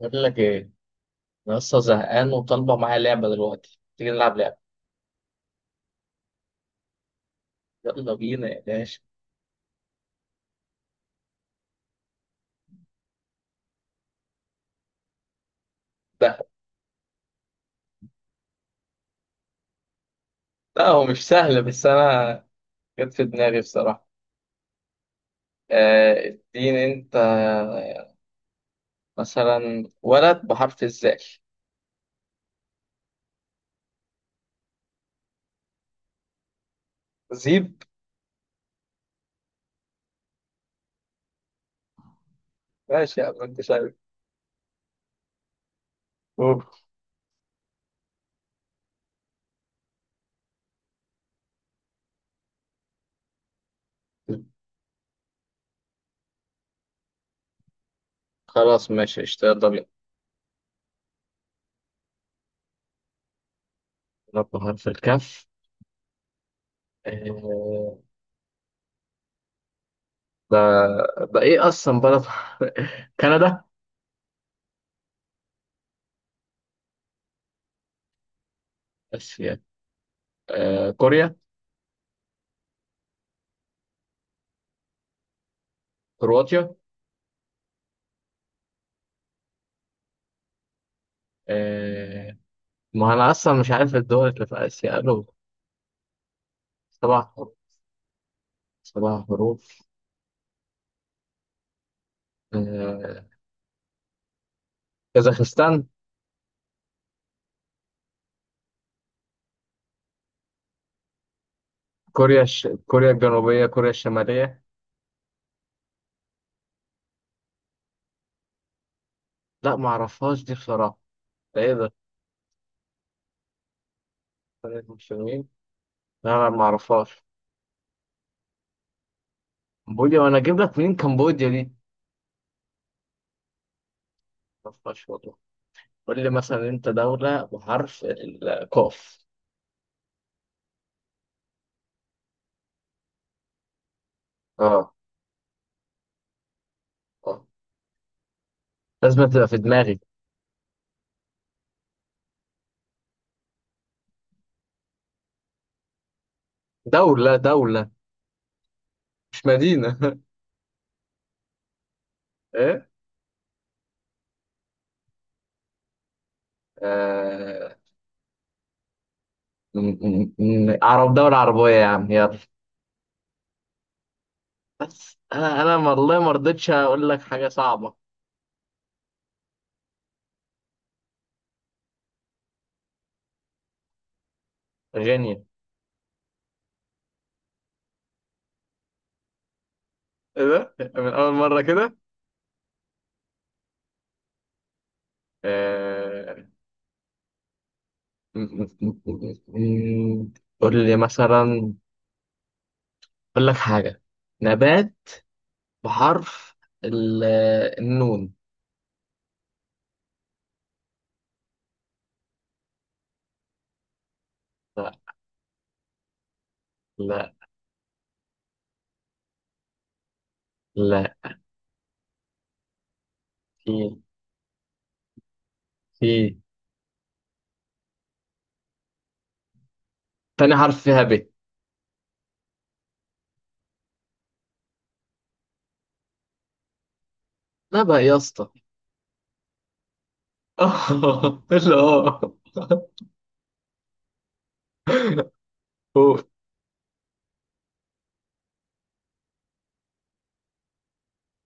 بقول لك ايه؟ انا لسه زهقان وطالبه معايا لعبه دلوقتي، تيجي نلعب لعبه. يلا بينا يا باشا. ده. لا، هو مش سهل، بس انا جت في دماغي بصراحه. آه، اديني انت. مثلا ولد بحرف الزال. زيب. ماشي يا عم، انت شايف. أوه. خلاص ماشي قشطة، يلا بينا. ولد بحرف الكاف. آه. ده. ده ايه اصلا بلد؟ كندا. اسيا. آه، كوريا. كرواتيا. ما أنا أصلا مش عارف الدول اللي في آسيا، قالوا سبع حروف. سبع حروف. آه. كازاخستان. كوريا الجنوبية. كوريا الشمالية. لا، ما أعرفهاش دي بصراحة. ده إيه ده؟ كوريا المسلمين. لا لا، ما أعرفهاش. كمبوديا؟ وأنا أجيب لك منين كمبوديا دي؟ ما أعرفهاش والله. قول لي مثلا أنت، دولة بحرف القاف. أه. أه. لازم تبقى في دماغي. دولة دولة. مش مدينة. إيه؟ آه... م- عرب، دولة عربية يا عم، يلا. بس انا والله ما رضيتش اقول لك حاجه صعبه. غنية. ايه ده؟ من اول مره كده. آه، قول لي مثلا. اقول لك حاجه. نبات. بحرف ال- النون. لا لا لا. في. في. تاني حرف فيها ب. لا بقى يا اسطى. لا. هو.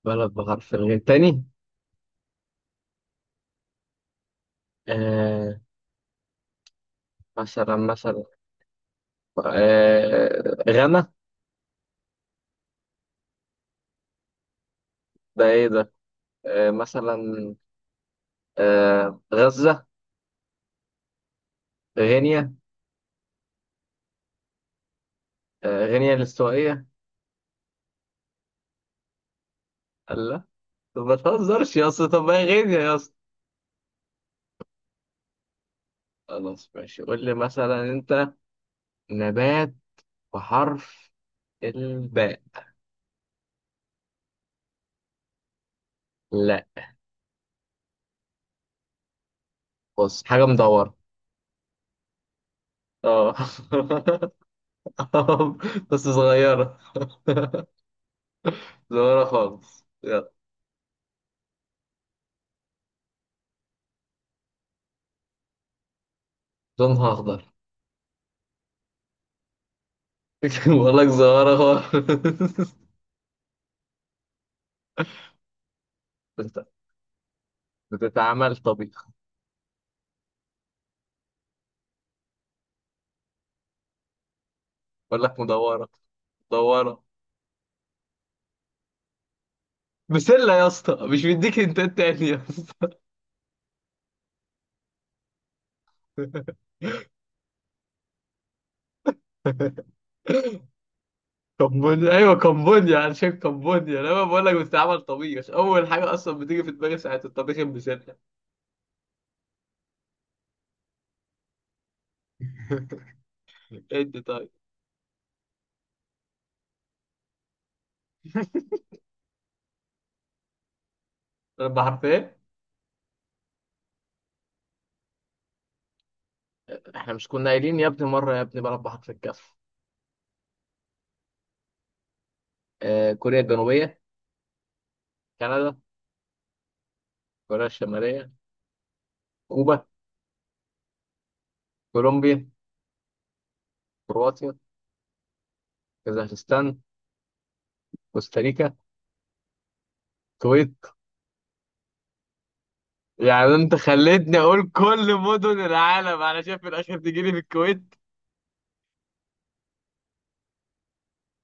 بلد بحرف الغين تاني. آه. مثلا مثلا. آه، غنى. ده ايه ده؟ آه، مثلا. آه، غزة. غينيا. آه، غينيا الاستوائية. قال لا. طب ما تهزرش يا اسطى، طب ما هي غينيا يا اسطى. خلاص ماشي، قول لي مثلا انت، نبات بحرف الباء. لا. بص، حاجة مدورة. اه. بس صغيرة. صغيرة خالص، يلا. لونها أخضر. بقول لك صغيرة خالص. انت بتتعمل طبيخ. بقول لك مدورة. مدورة. بسلة يا اسطى، مش مديك انت تاني يا اسطى. كمبونيا، ايوه كمبونيا انا شايف، كمبونيا. انا بقول لك بتتعمل طبيخ، اول حاجه اصلا بتيجي في دماغي ساعه الطبيخ بسلة. انت طيب. مربى حرف ايه؟ احنا مش كنا قايلين يا ابني مره، يا ابني مربى حرف الكاف. آه، كوريا الجنوبيه. كندا. كوريا الشماليه. كوبا. كولومبيا. كرواتيا. كازاخستان. كوستاريكا. الكويت. يعني انت خليتني اقول كل مدن العالم انا شايف، في الاخر تجيلي في الكويت.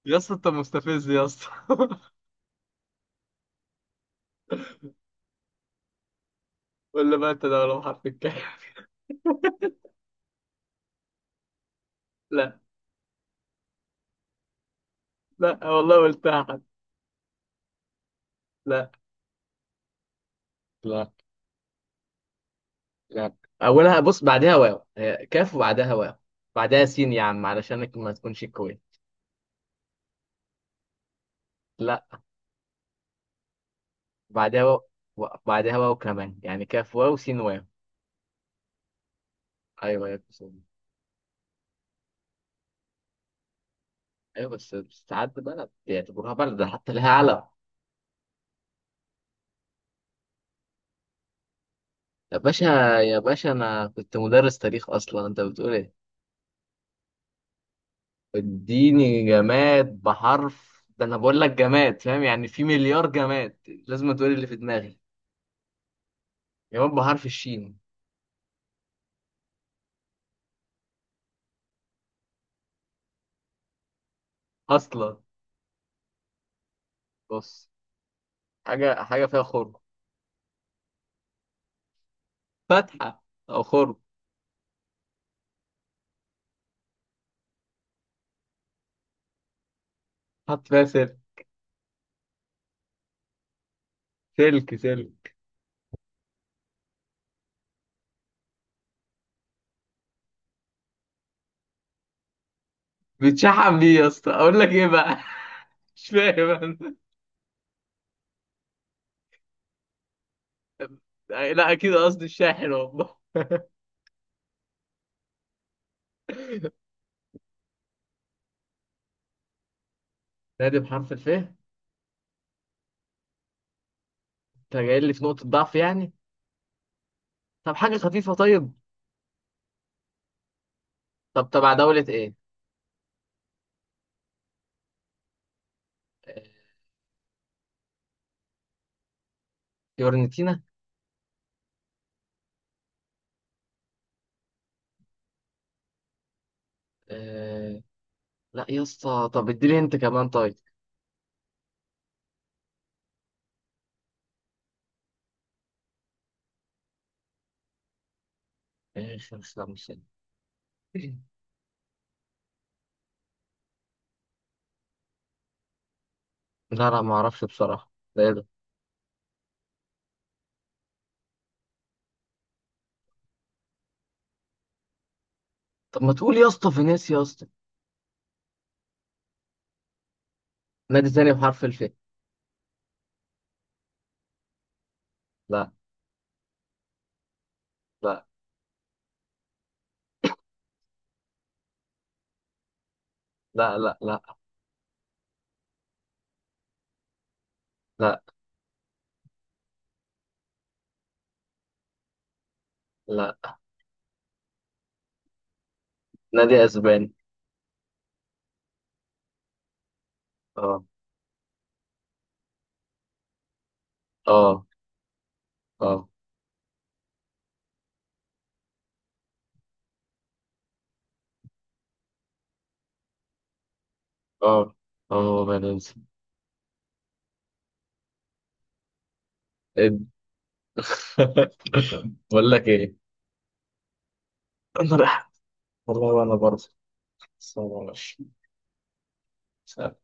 يا اسطى، انت مستفز يا اسطى. ولا ما انت ده؟ ولا حرف الكاف. لا لا والله قلتها. حد. لا. لا. لا. اولها بص بعدها واو، هي كاف وبعدها واو، بعدها سين يا عم علشانك ما تكونش كويس. لا بعدها واو. بعدها واو كمان، يعني كاف واو سين واو. ايوه يا بس. ايوه، بس بس ساعات بلد بيعتبروها بلد، ده حتى لها علم. يا باشا، يا باشا انا كنت مدرس تاريخ اصلا، انت بتقول ايه؟ اديني جماد بحرف، ده انا بقول لك جماد، فاهم يعني في مليار جماد. لازم تقولي اللي في دماغي. جماد بحرف الشين. اصلا. بص. حاجه حاجه فيها خرم. فتحه. او خرم. حط فيها سلك. سلك. سلك. بتشحن بيه يا اسطى، اقول لك ايه بقى؟ مش فاهم انا. لا، اكيد قصدي الشاحن والله. نادي بحرف الف، انت جاي لي في نقطه ضعف يعني. طب حاجه خفيفه طيب. طب تبع دوله ايه؟ آه، فيورنتينا. آه، لا يا اسطى، طب اديني انت كمان طيب. ايه خمس، لا مش هنا. لا لا، ما اعرفش بصراحه، ده ايه ده؟ طب ما تقول يا اسطى فينيس يا اسطى. نادي تاني بحرف الف. لا. لا. لا. لا. لا. لا. لا. نادي اسباني. اه. اه. اه. اه. اه. فالنسيا. إد- بقول لك ايه. انا رايح. والله وانا برضه. سلام عليكم. سلام.